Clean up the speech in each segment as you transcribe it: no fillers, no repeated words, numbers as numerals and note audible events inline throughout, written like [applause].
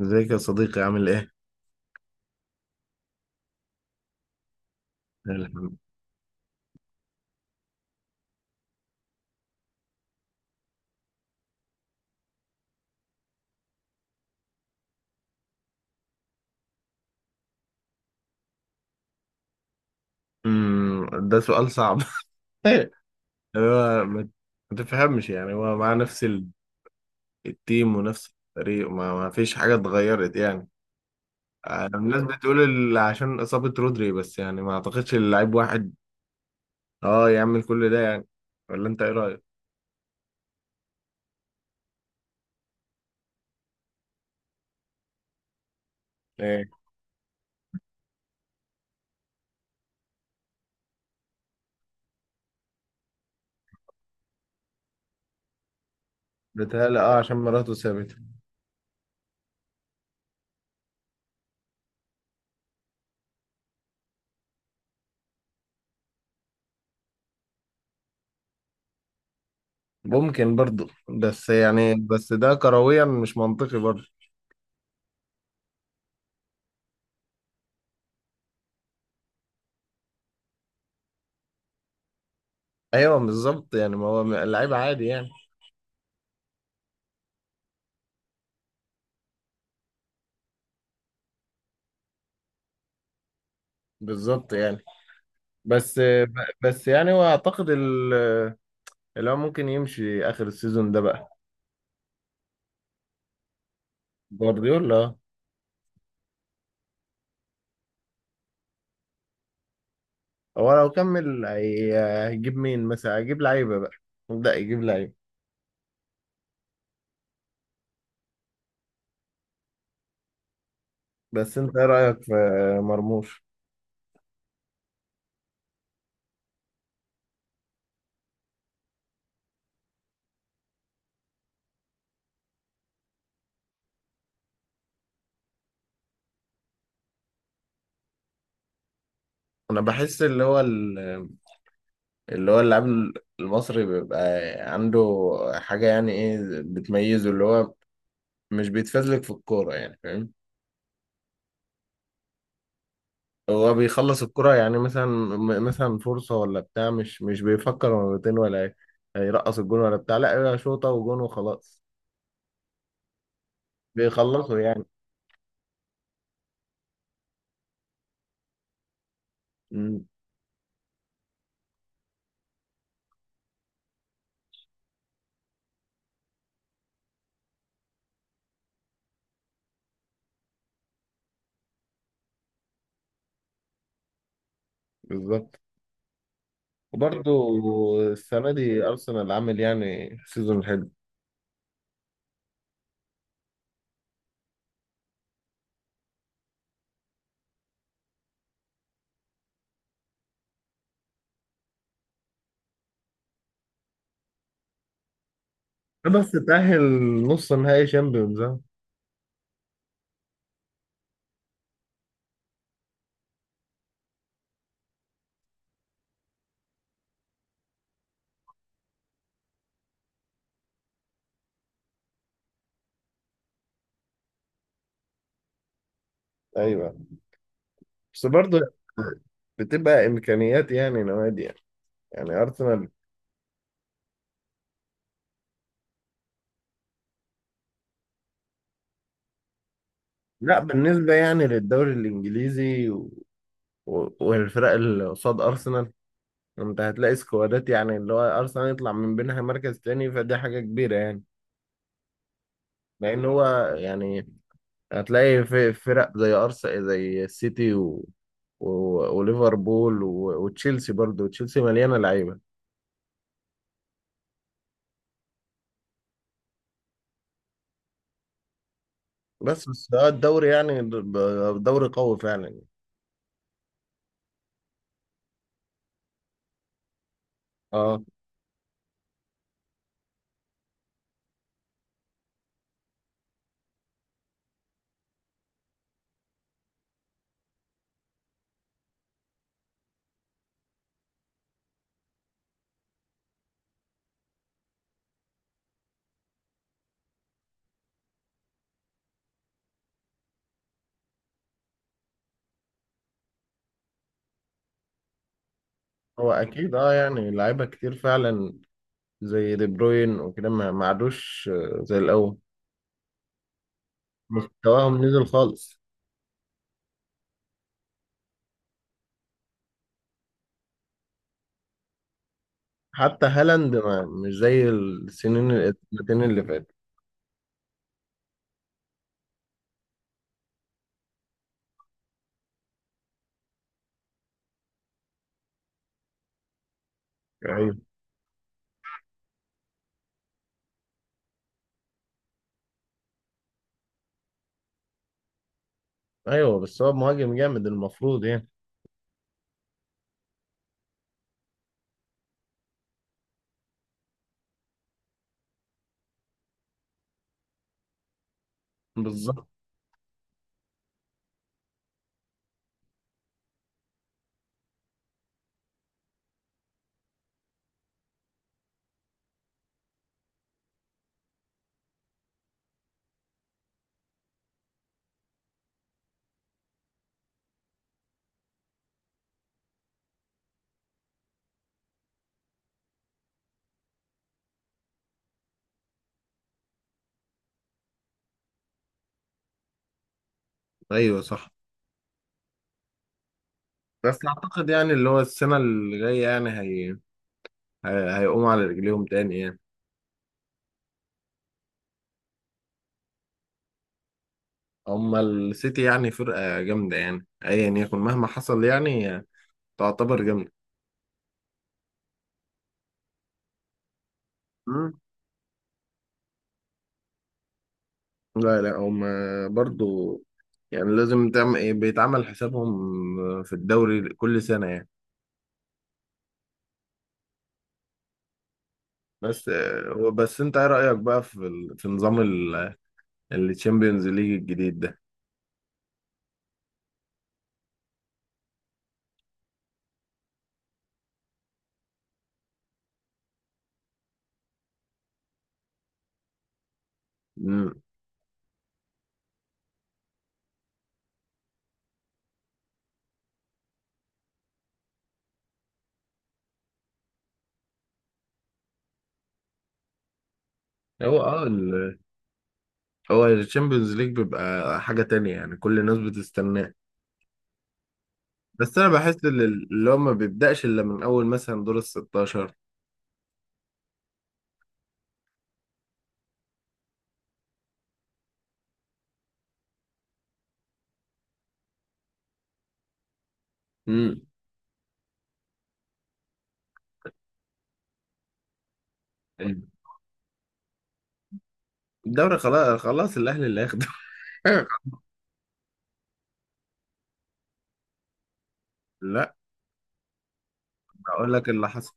ازيك يا صديقي عامل ايه؟ الحمد. ده سؤال صعب. [laughs] هو ما تفهمش، يعني هو مع نفس التيم ونفس الفريق، ما فيش حاجة اتغيرت يعني. آه، الناس بتقول عشان إصابة رودري، بس يعني ما اعتقدش اللعيب واحد اه يعمل كل ده يعني. ولا انت ايه رأيك؟ ايه، بيتهيألي اه عشان مراته سابته. ممكن برضه، بس يعني بس ده كرويا مش منطقي برضه. ايوه بالظبط، يعني ما هو اللعيب عادي يعني. بالظبط يعني. بس بس يعني هو اعتقد اللي هو ممكن يمشي اخر السيزون ده بقى. جوارديولا، هو لو كمل هيجيب مين؟ مثلا هيجيب لعيبه بقى، يبدا يجيب لعيبه. بس انت ايه رايك في مرموش؟ انا بحس اللي هو اللاعب المصري بيبقى عنده حاجه يعني، ايه بتميزه؟ اللي هو مش بيتفزلك في الكوره يعني، فاهم؟ هو بيخلص الكرة، يعني مثلا مثلا فرصة ولا بتاع، مش بيفكر مرتين ولا ايه هيرقص الجون ولا بتاع، لا هي شوطة وجون وخلاص. بيخلصوا يعني. امم بالظبط. وبرضه السنة دي أرسنال عامل يعني سيزون حلو، بس تأهل نص نهائي شامبيونز آه. أيوه، بس برضه بتبقى إمكانيات يعني نوادي، يعني يعني أرسنال، لا بالنسبة يعني للدوري الإنجليزي و، والفرق اللي قصاد أرسنال، انت هتلاقي سكوادات، يعني اللي هو ارسنال يطلع من بينها مركز تاني فدي حاجه كبيره يعني. لان هو يعني هتلاقي في فرق زي ارسنال، زي السيتي و... وليفربول وتشيلسي، برضو تشيلسي مليانه لعيبه. بس ده الدوري يعني، دوري قوي فعلا. اه هو اكيد اه، يعني لعيبه كتير فعلا زي دي بروين وكده، ما عادوش آه، زي الاول. مستواهم نزل خالص. حتى هالاند ما، مش زي السنين السنتين اللي فاتت. ايوه، ايوه، بس هو مهاجم جامد المفروض يعني. بالظبط. ايوه صح، بس اعتقد يعني اللي هو السنه اللي جايه يعني هيقوموا على رجليهم تاني يعني. اما السيتي يعني فرقه جامده، يعني ايا يكن مهما حصل يعني تعتبر جامده. مم. لا لا، هم برضو يعني لازم بيتعمل حسابهم في الدوري كل سنه يعني. بس بس انت ايه رايك بقى في نظام الشامبيونز ليج الجديد ده؟ مم. هو اه هو الشامبيونز ليج بيبقى حاجة تانية، يعني كل الناس بتستناه. بس أنا بحس إن اللي هو ما بيبدأش إلا من أول مثلا دور ال 16. امم الدوري خلاص خلاص الأهلي اللي هياخده. [laughs] لا، بقول لك اللي حصل: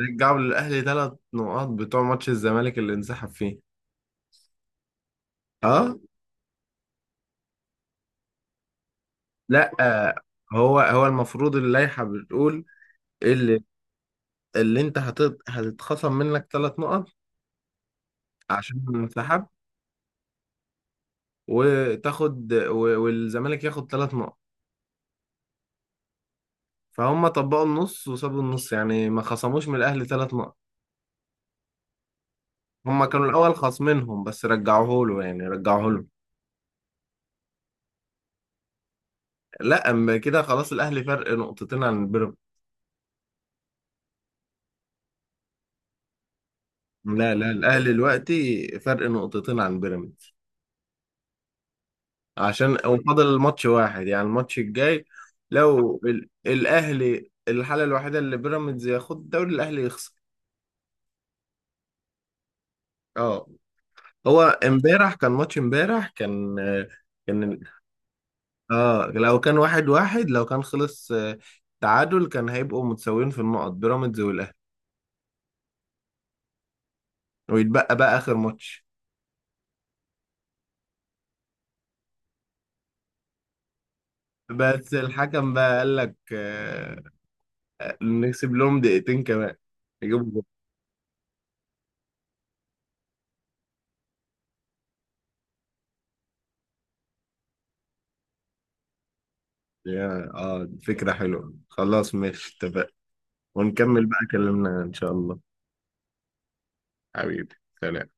رجعوا للأهلي 3 نقاط بتوع ماتش الزمالك اللي انسحب فيه. أه، لا آه، هو المفروض اللائحة بتقول اللي اللي أنت هتتخصم منك 3 نقط عشان انسحب، وتاخد، والزمالك ياخد 3 نقط. فهم طبقوا النص وسابوا النص، يعني ما خصموش من الاهلي 3 نقط. هم كانوا الاول خاصمينهم بس رجعوه له، يعني رجعوه له. لا اما كده خلاص الاهلي فرق نقطتين عن بيراميدز. لا لا، الاهلي دلوقتي فرق نقطتين عن بيراميدز، عشان وفاضل الماتش واحد يعني، الماتش الجاي. لو الاهلي، الحاله الوحيده اللي بيراميدز ياخد الدوري، الاهلي يخسر. اه، هو امبارح كان ماتش، امبارح كان اه لو كان واحد واحد، لو كان خلص آه، تعادل، كان هيبقوا متساويين في النقط، بيراميدز والاهلي، ويتبقى بقى اخر ماتش. بس الحكم بقى قال لك، نكسب لهم دقيقتين كمان يجيبوا جول. يا، فكرة حلوة، خلاص ماشي اتفقنا، ونكمل بقى كلامنا ان شاء الله. حبيبي، سلام.